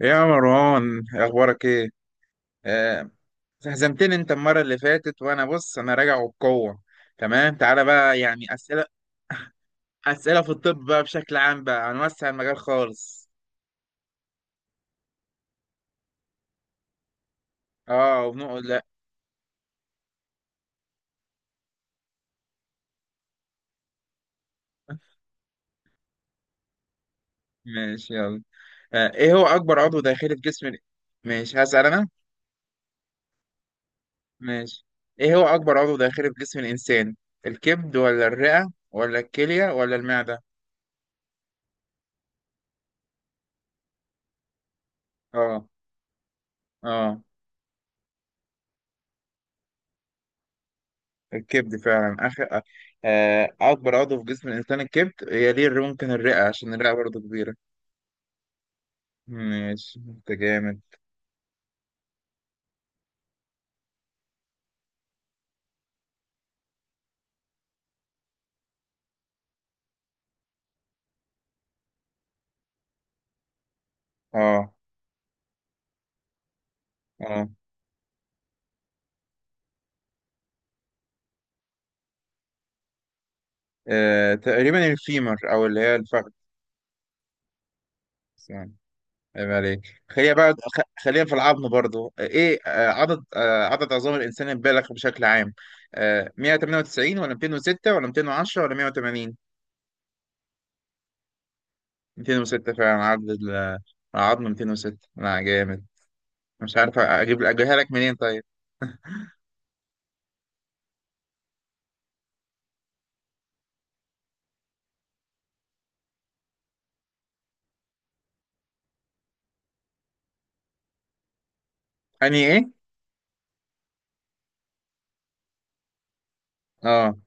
يا مروان، اخبارك ايه؟ آه، هزمتني انت المره اللي فاتت، وانا بص انا راجع وبقوه. تمام، تعالى بقى يعني اسئله في الطب بقى بشكل عام، بقى هنوسع المجال خالص. اه وبنقول لا. ماشي يلا. ايه هو اكبر عضو داخلي في جسم ماشي، هسال انا. ماشي. ايه هو اكبر عضو داخلي في جسم الانسان؟ الكبد ولا الرئه ولا الكليه ولا المعده؟ اه. اه. الكبد فعلا اخر. اكبر عضو في جسم الانسان الكبد، يليه ممكن الرئه عشان الرئه برضه كبيره. ماشي انت جامد. اه. اه. تقريبا الفيمر، او اللي هي الفخذ. بس يعني عيب عليك، خلينا بقى خلينا في العظم برضه. ايه عدد عدد عظام الانسان البالغ بشكل عام؟ 198 ولا 206 ولا 210 ولا 180؟ 206 فعلا عدد العظم 206. لا جامد، مش عارف اجيبها لك منين. طيب انهي ايه؟ اه،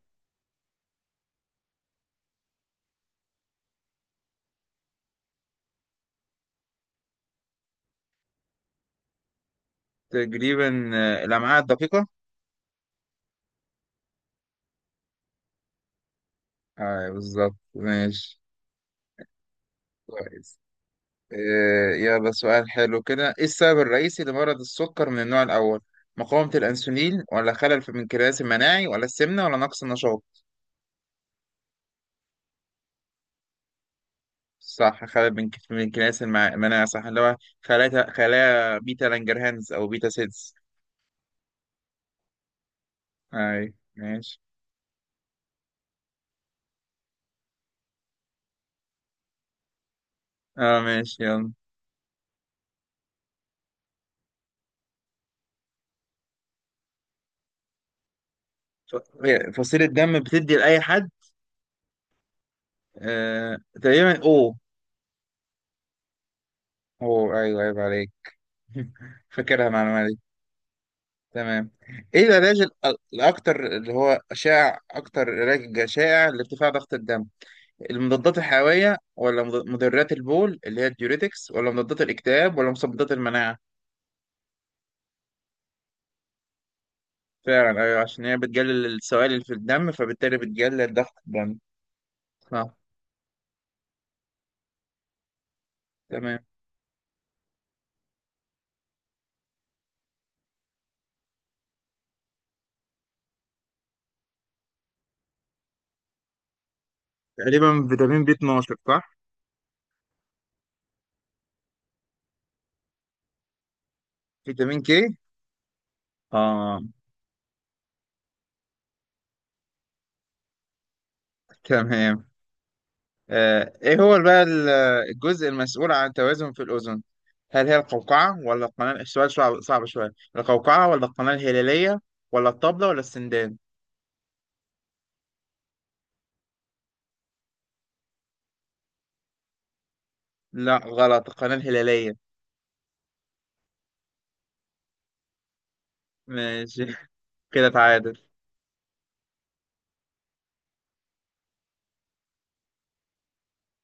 تقريبا الأمعاء الدقيقة. اه بالظبط، ماشي. كويس. آه يلا سؤال حلو كده. ايه السبب الرئيسي لمرض السكر من النوع الأول؟ مقاومة الأنسولين ولا خلل في المنكرياس المناعي ولا السمنة ولا نقص النشاط؟ صح، خلل في المنكرياس المناعي، صح، اللي هو خلايا خلايا بيتا لانجرهانز أو بيتا سيلز. اي ماشي. اه ماشي يلا. فصيلة دم بتدي لأي حد. آه تقريبا او. او ايوه، ايوه عليك. فاكرها المعلومة دي. تمام. ايه العلاج الاكتر اللي هو شائع، اكتر علاج شائع لارتفاع ضغط الدم؟ المضادات الحيوية ولا مضرات البول اللي هي الديوريتكس ولا مضادات الاكتئاب ولا مضادات المناعة؟ فعلا ايوه، عشان هي بتقلل السوائل اللي في الدم، فبالتالي بتقلل ضغط الدم. صح. تمام. تقريبا فيتامين بي 12 صح. فيتامين كي. اه تمام. ايه هو بقى الجزء المسؤول عن التوازن في الاذن؟ هل هي القوقعه ولا القناه، السؤال صعب شويه، القوقعه ولا القناه الهلاليه ولا الطبله ولا السندان؟ لا غلط، القناه الهلاليه. ماشي كده تعادل.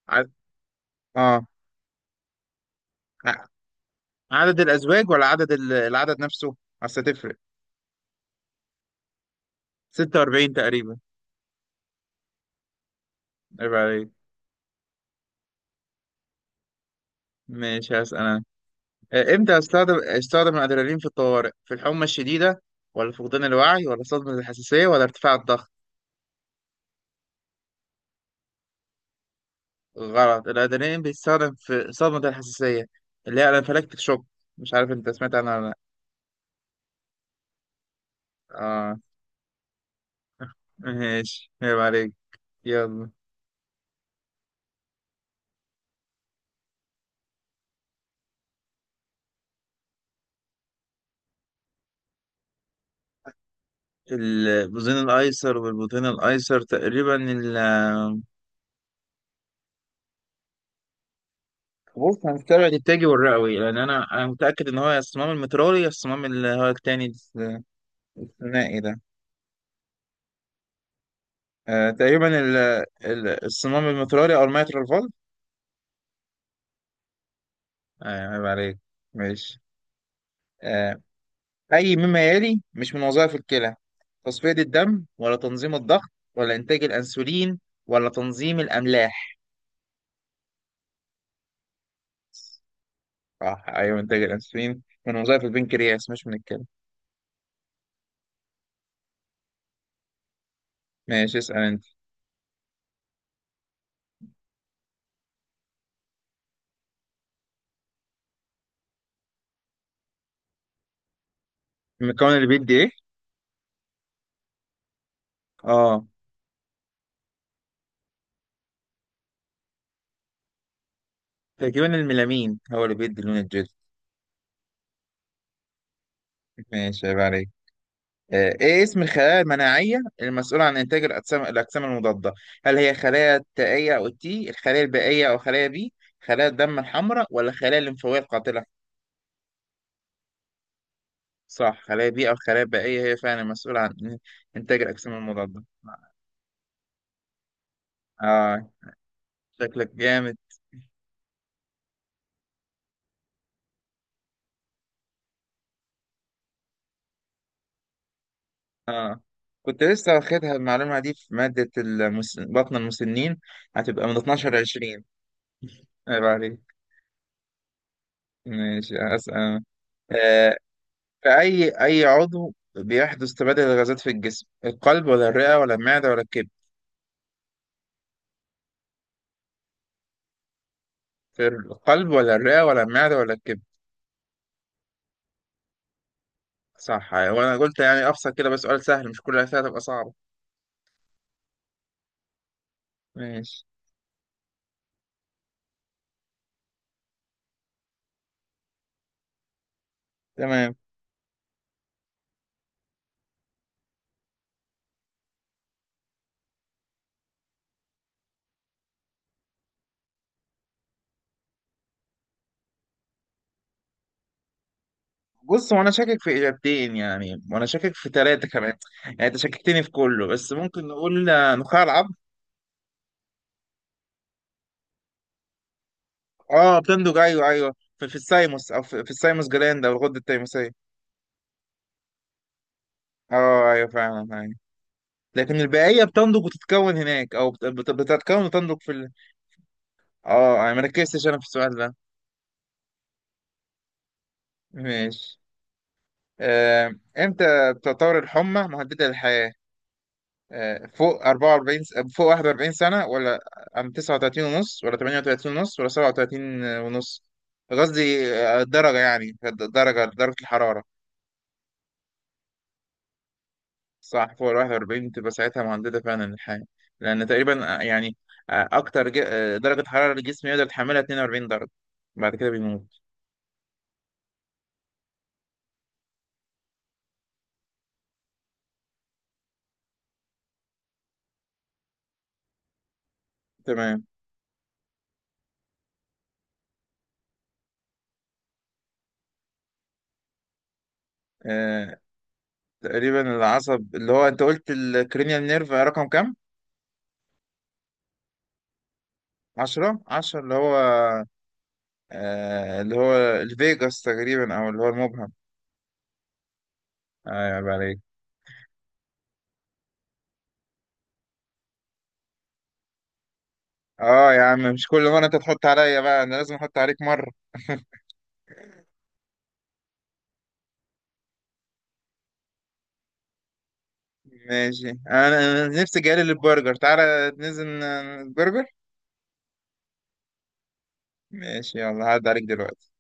عد... اه، ع- عدد الازواج ولا عدد العدد نفسه؟ اصل تفرق. 46 تقريبا. عيب عليك. ماشي هسأل انا. امتى استخدم الادرينالين في الطوارئ؟ في الحمى الشديده ولا فقدان الوعي ولا صدمه الحساسيه ولا ارتفاع الضغط؟ غلط، الأدرينالين بيستخدم في صدمة الحساسية اللي هي الانفلاكتيك شوك. مش عارف انت سمعت عنها ولا لأ. اه ماشي عيب عليك. يلا. البطين الأيسر والبطين الأيسر تقريبا ال. بص هنستبعد التاجي والرئوي، لأن أنا متأكد إن هو يا الصمام المترالي، يا الصمام اللي هو التاني الثنائي ده. آه تقريبا الصمام المترالي أو الميترال فولف. آه عيب عليك. ماشي. آه، أي مما يلي مش من وظائف الكلى؟ تصفية الدم ولا تنظيم الضغط ولا إنتاج الأنسولين ولا تنظيم الأملاح؟ صح، أيوه إنتاج الأنسولين من وظائف البنكرياس، مش من الكلى. ماشي اسأل أنت. المكون اللي بيدي إيه؟ آه تقريبا الميلامين هو اللي بيدي لون الجلد. ماشي عيب عليك. إيه اسم الخلايا المناعية المسؤولة عن إنتاج الأجسام المضادة؟ هل هي خلايا التائية أو التي، الخلايا البائية أو خلايا بي، خلايا الدم الحمراء ولا خلايا الليمفاوية القاتلة؟ صح خلايا بيئة، والخلايا البائية هي فعلا مسؤولة عن إنتاج الأجسام المضادة. آه. شكلك جامد. آه كنت لسه واخدها المعلومة دي في مادة بطن المسنين. هتبقى من 12 ل 20. عيب عليك. ماشي أسأل. آه في أي عضو بيحدث تبادل الغازات في الجسم؟ القلب ولا الرئة ولا المعدة ولا الكبد؟ في القلب ولا الرئة ولا المعدة ولا الكبد؟ صح، وأنا قلت يعني أبسط كده، بس سؤال سهل، مش كل الأسئلة هتبقى صعبة. ماشي. تمام. بص وانا شاكك في اجابتين يعني، وانا شاكك في ثلاثه كمان. يعني انت شككتني في كله، بس ممكن نقول نخاع العظم. اه بتندج ايوه ايوه في الثايموس، او في الثايموس جلاند او الغده التيموسيه. اه ايوه فعلا ايوه، لكن البقيه بتنضج وتتكون هناك، او بتتكون وتنضج في اه انا ما ركزتش انا في السؤال ده. ماشي. امتى بتعتبر الحمى مهدده للحياه؟ فوق 44 فوق 41 سنة، ولا عن 39 ونص، ولا 38 ونص، ولا 37 ونص؟ قصدي الدرجة، يعني الدرجة درجة الحرارة. صح فوق ال 41 تبقى ساعتها مهددة فعلا الحياة، لأن تقريبا يعني أكتر درجة حرارة الجسم يقدر يتحملها 42 درجة، بعد كده بيموت. تمام. آه، تقريبا العصب اللي هو أنت قلت الكرينيال نيرف رقم كام؟ 10. 10 اللي هو اللي هو الفيجاس تقريبا، أو اللي هو المبهم. ايوه عليك. اه يا عم مش كل مرة انت تحط عليا، بقى انا لازم احط عليك مرة. ماشي، انا أنا نفسي جالي للبرجر. تعالى ننزل البرجر. ماشي يلا، هعدي عليك دلوقتي.